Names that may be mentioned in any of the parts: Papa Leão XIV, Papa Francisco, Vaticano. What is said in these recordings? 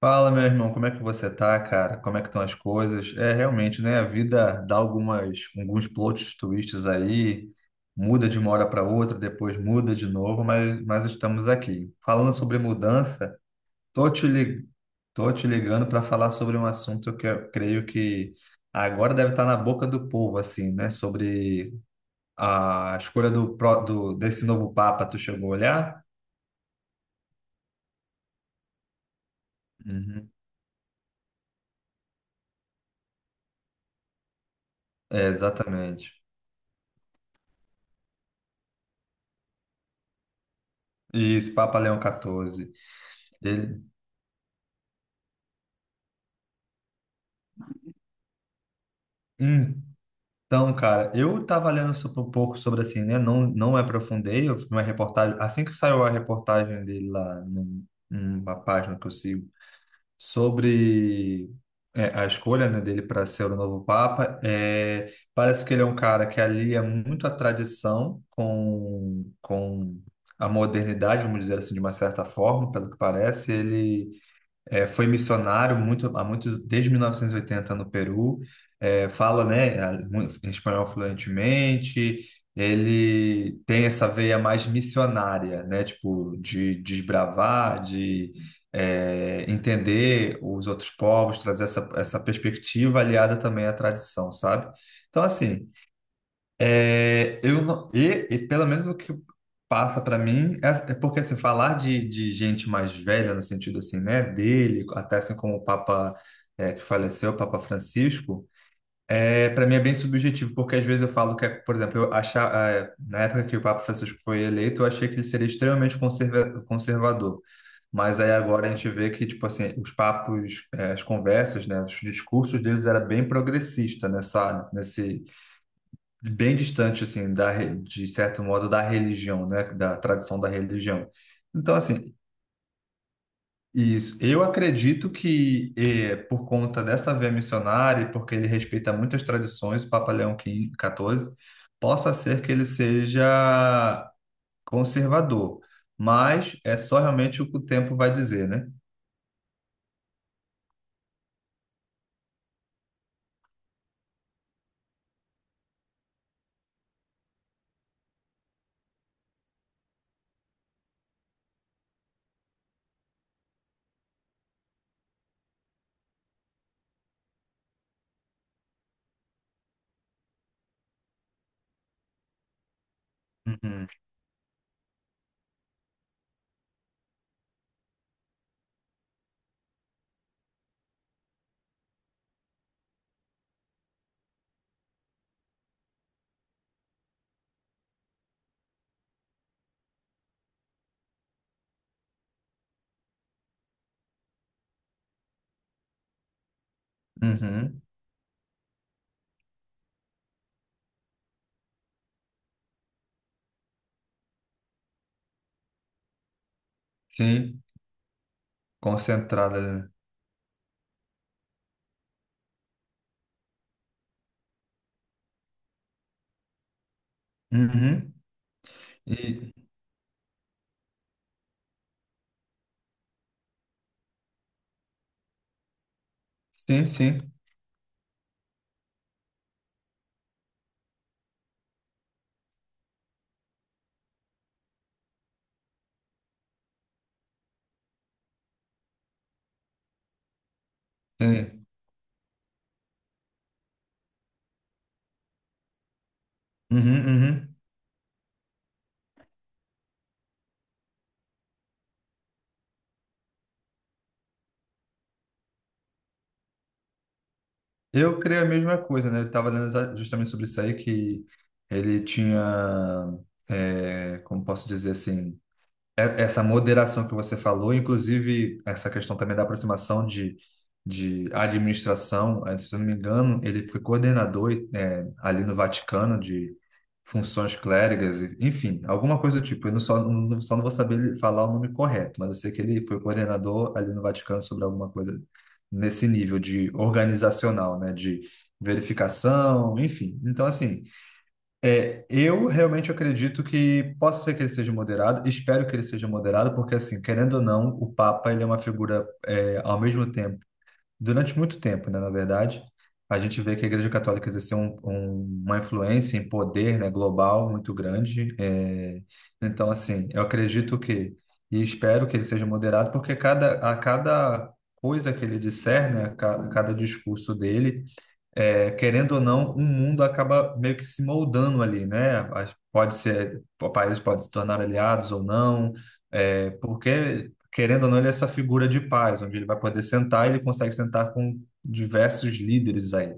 Fala, meu irmão, como é que você tá, cara? Como é que estão as coisas? É, realmente, né? A vida dá alguns plot twists aí, muda de uma hora para outra, depois muda de novo, mas estamos aqui. Falando sobre mudança, tô te, li- tô te ligando para falar sobre um assunto que eu creio que agora deve estar na boca do povo, assim, né? Sobre a escolha do desse novo Papa, tu chegou a olhar? Uhum. É, exatamente. Isso, Papa Leão XIV. Ele, Então, cara, eu tava lendo um pouco sobre assim, né? Não, não me aprofundei. Eu fiz uma reportagem, assim que saiu a reportagem dele lá numa página que eu sigo, sobre a escolha, né, dele para ser o novo Papa. É, parece que ele é um cara que alia muito a tradição com a modernidade, vamos dizer assim, de uma certa forma, pelo que parece. Ele foi missionário muito, há muitos, desde 1980 no Peru. Fala, né, espanhol fluentemente. Ele tem essa veia mais missionária, né, tipo de desbravar, de entender os outros povos, trazer essa perspectiva aliada também à tradição, sabe? Então, assim, eu não- e pelo menos o que passa para mim é porque assim, falar de gente mais velha no sentido assim, né, dele, até assim como o Papa que faleceu, o Papa Francisco, para mim é bem subjetivo, porque às vezes eu falo que, por exemplo, eu achar, na época que o Papa Francisco foi eleito, eu achei que ele seria extremamente conservador, mas aí agora a gente vê que tipo assim, os papos, as conversas, né, os discursos deles era bem progressista nessa nesse bem distante assim de certo modo da religião, né, da tradição da religião. Então assim, isso. Eu acredito que por conta dessa veia missionária, e porque ele respeita muitas tradições, Papa Leão XV, 14, possa ser que ele seja conservador, mas é só realmente o que o tempo vai dizer, né? Uhum. Uhum, sim, concentrada, né? Uhum. E sim, sim, sim. Uhum, uhum. Eu creio a mesma coisa, né? Ele estava lendo justamente sobre isso aí, que ele tinha, como posso dizer assim, essa moderação que você falou, inclusive essa questão também da aproximação de administração, se eu não me engano, ele foi coordenador ali no Vaticano de funções clérigas, enfim, alguma coisa do tipo. Eu não só, só não vou saber falar o nome correto, mas eu sei que ele foi coordenador ali no Vaticano sobre alguma coisa nesse nível de organizacional, né, de verificação, enfim. Então, assim eu realmente acredito que possa ser que ele seja moderado, espero que ele seja moderado, porque assim, querendo ou não, o Papa ele é uma figura ao mesmo tempo, durante muito tempo, né, na verdade, a gente vê que a Igreja Católica exerceu uma influência em poder, né, global muito grande. Então, assim, eu acredito que e espero que ele seja moderado, porque cada a cada coisa que ele disser, né, a cada discurso dele querendo ou não, um mundo acaba meio que se moldando ali, né? Pode ser, o país pode se tornar aliados ou não, porque, querendo ou não, ele é essa figura de paz, onde ele vai poder sentar e ele consegue sentar com diversos líderes aí.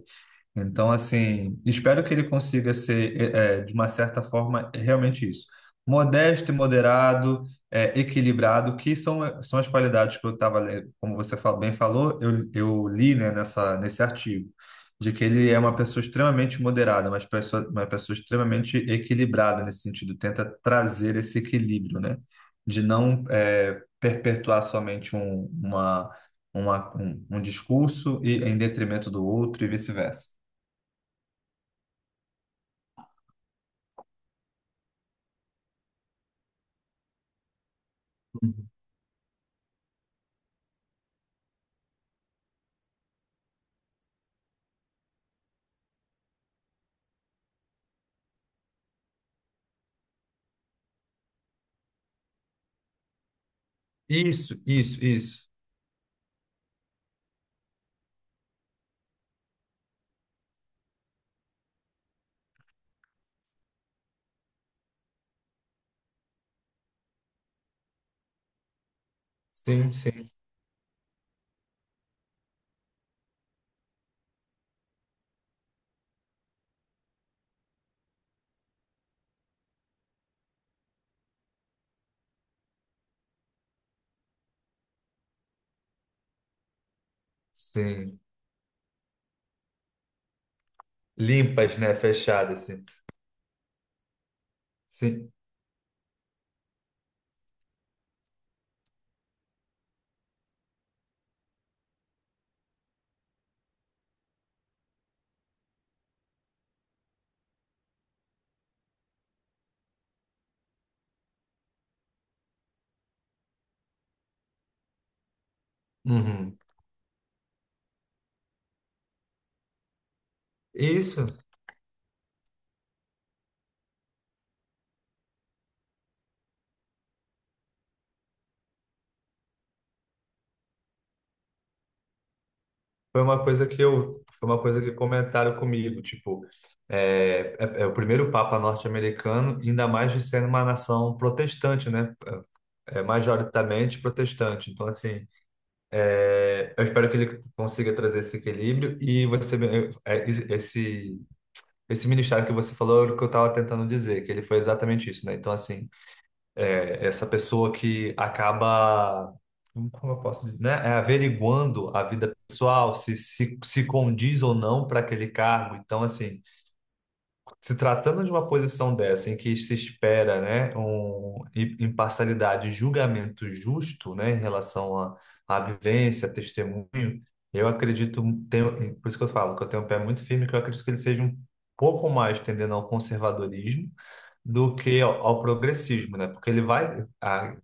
Então, assim, espero que ele consiga ser, de uma certa forma, realmente isso. Modesto e moderado, equilibrado, que são as qualidades que eu estava, como você bem falou, eu li, né, nesse artigo, de que ele é uma pessoa extremamente moderada, mas uma pessoa extremamente equilibrada nesse sentido, tenta trazer esse equilíbrio, né, de não, perpetuar somente um discurso e em detrimento do outro e vice-versa. Isso, isso, isso. Sim, sim, sim. Limpas, né? Fechadas, sim. Sim. Uhum. Isso foi uma coisa que comentaram comigo, tipo, é o primeiro Papa norte-americano, ainda mais de sendo uma nação protestante, né? É majoritariamente protestante. Então, assim, eu espero que ele consiga trazer esse equilíbrio e você, é, esse, esse ministério que você falou, é o que eu estava tentando dizer, que ele foi exatamente isso, né? Então, assim essa pessoa que acaba, como eu posso dizer, né? É averiguando a vida pessoal, se condiz ou não para aquele cargo. Então, assim, se tratando de uma posição dessa em que se espera, né, um, imparcialidade, e julgamento justo, né, em relação à vivência, testemunho, eu acredito, tenho, por isso que eu falo que eu tenho um pé muito firme, que eu acredito que ele seja um pouco mais tendendo ao conservadorismo do que ao progressismo, né? Porque ele vai, a-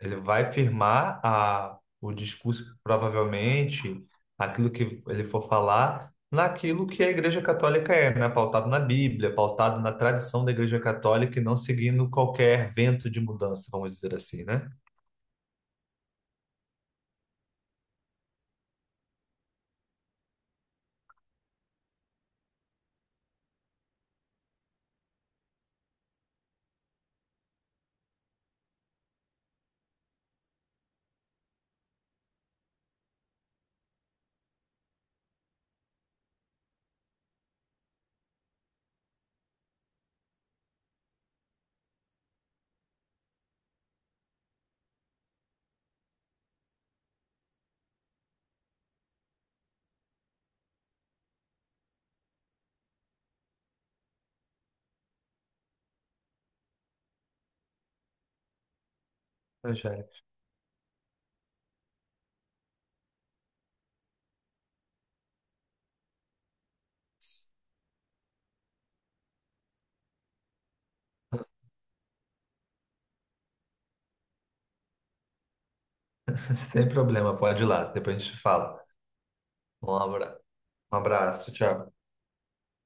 ele vai firmar o discurso, provavelmente, aquilo que ele for falar, naquilo que a Igreja Católica é, né? Pautado na Bíblia, pautado na tradição da Igreja Católica e não seguindo qualquer vento de mudança, vamos dizer assim, né? Pois é. Sem problema, pode ir lá, depois a gente fala. Um abra- um abraço, tchau.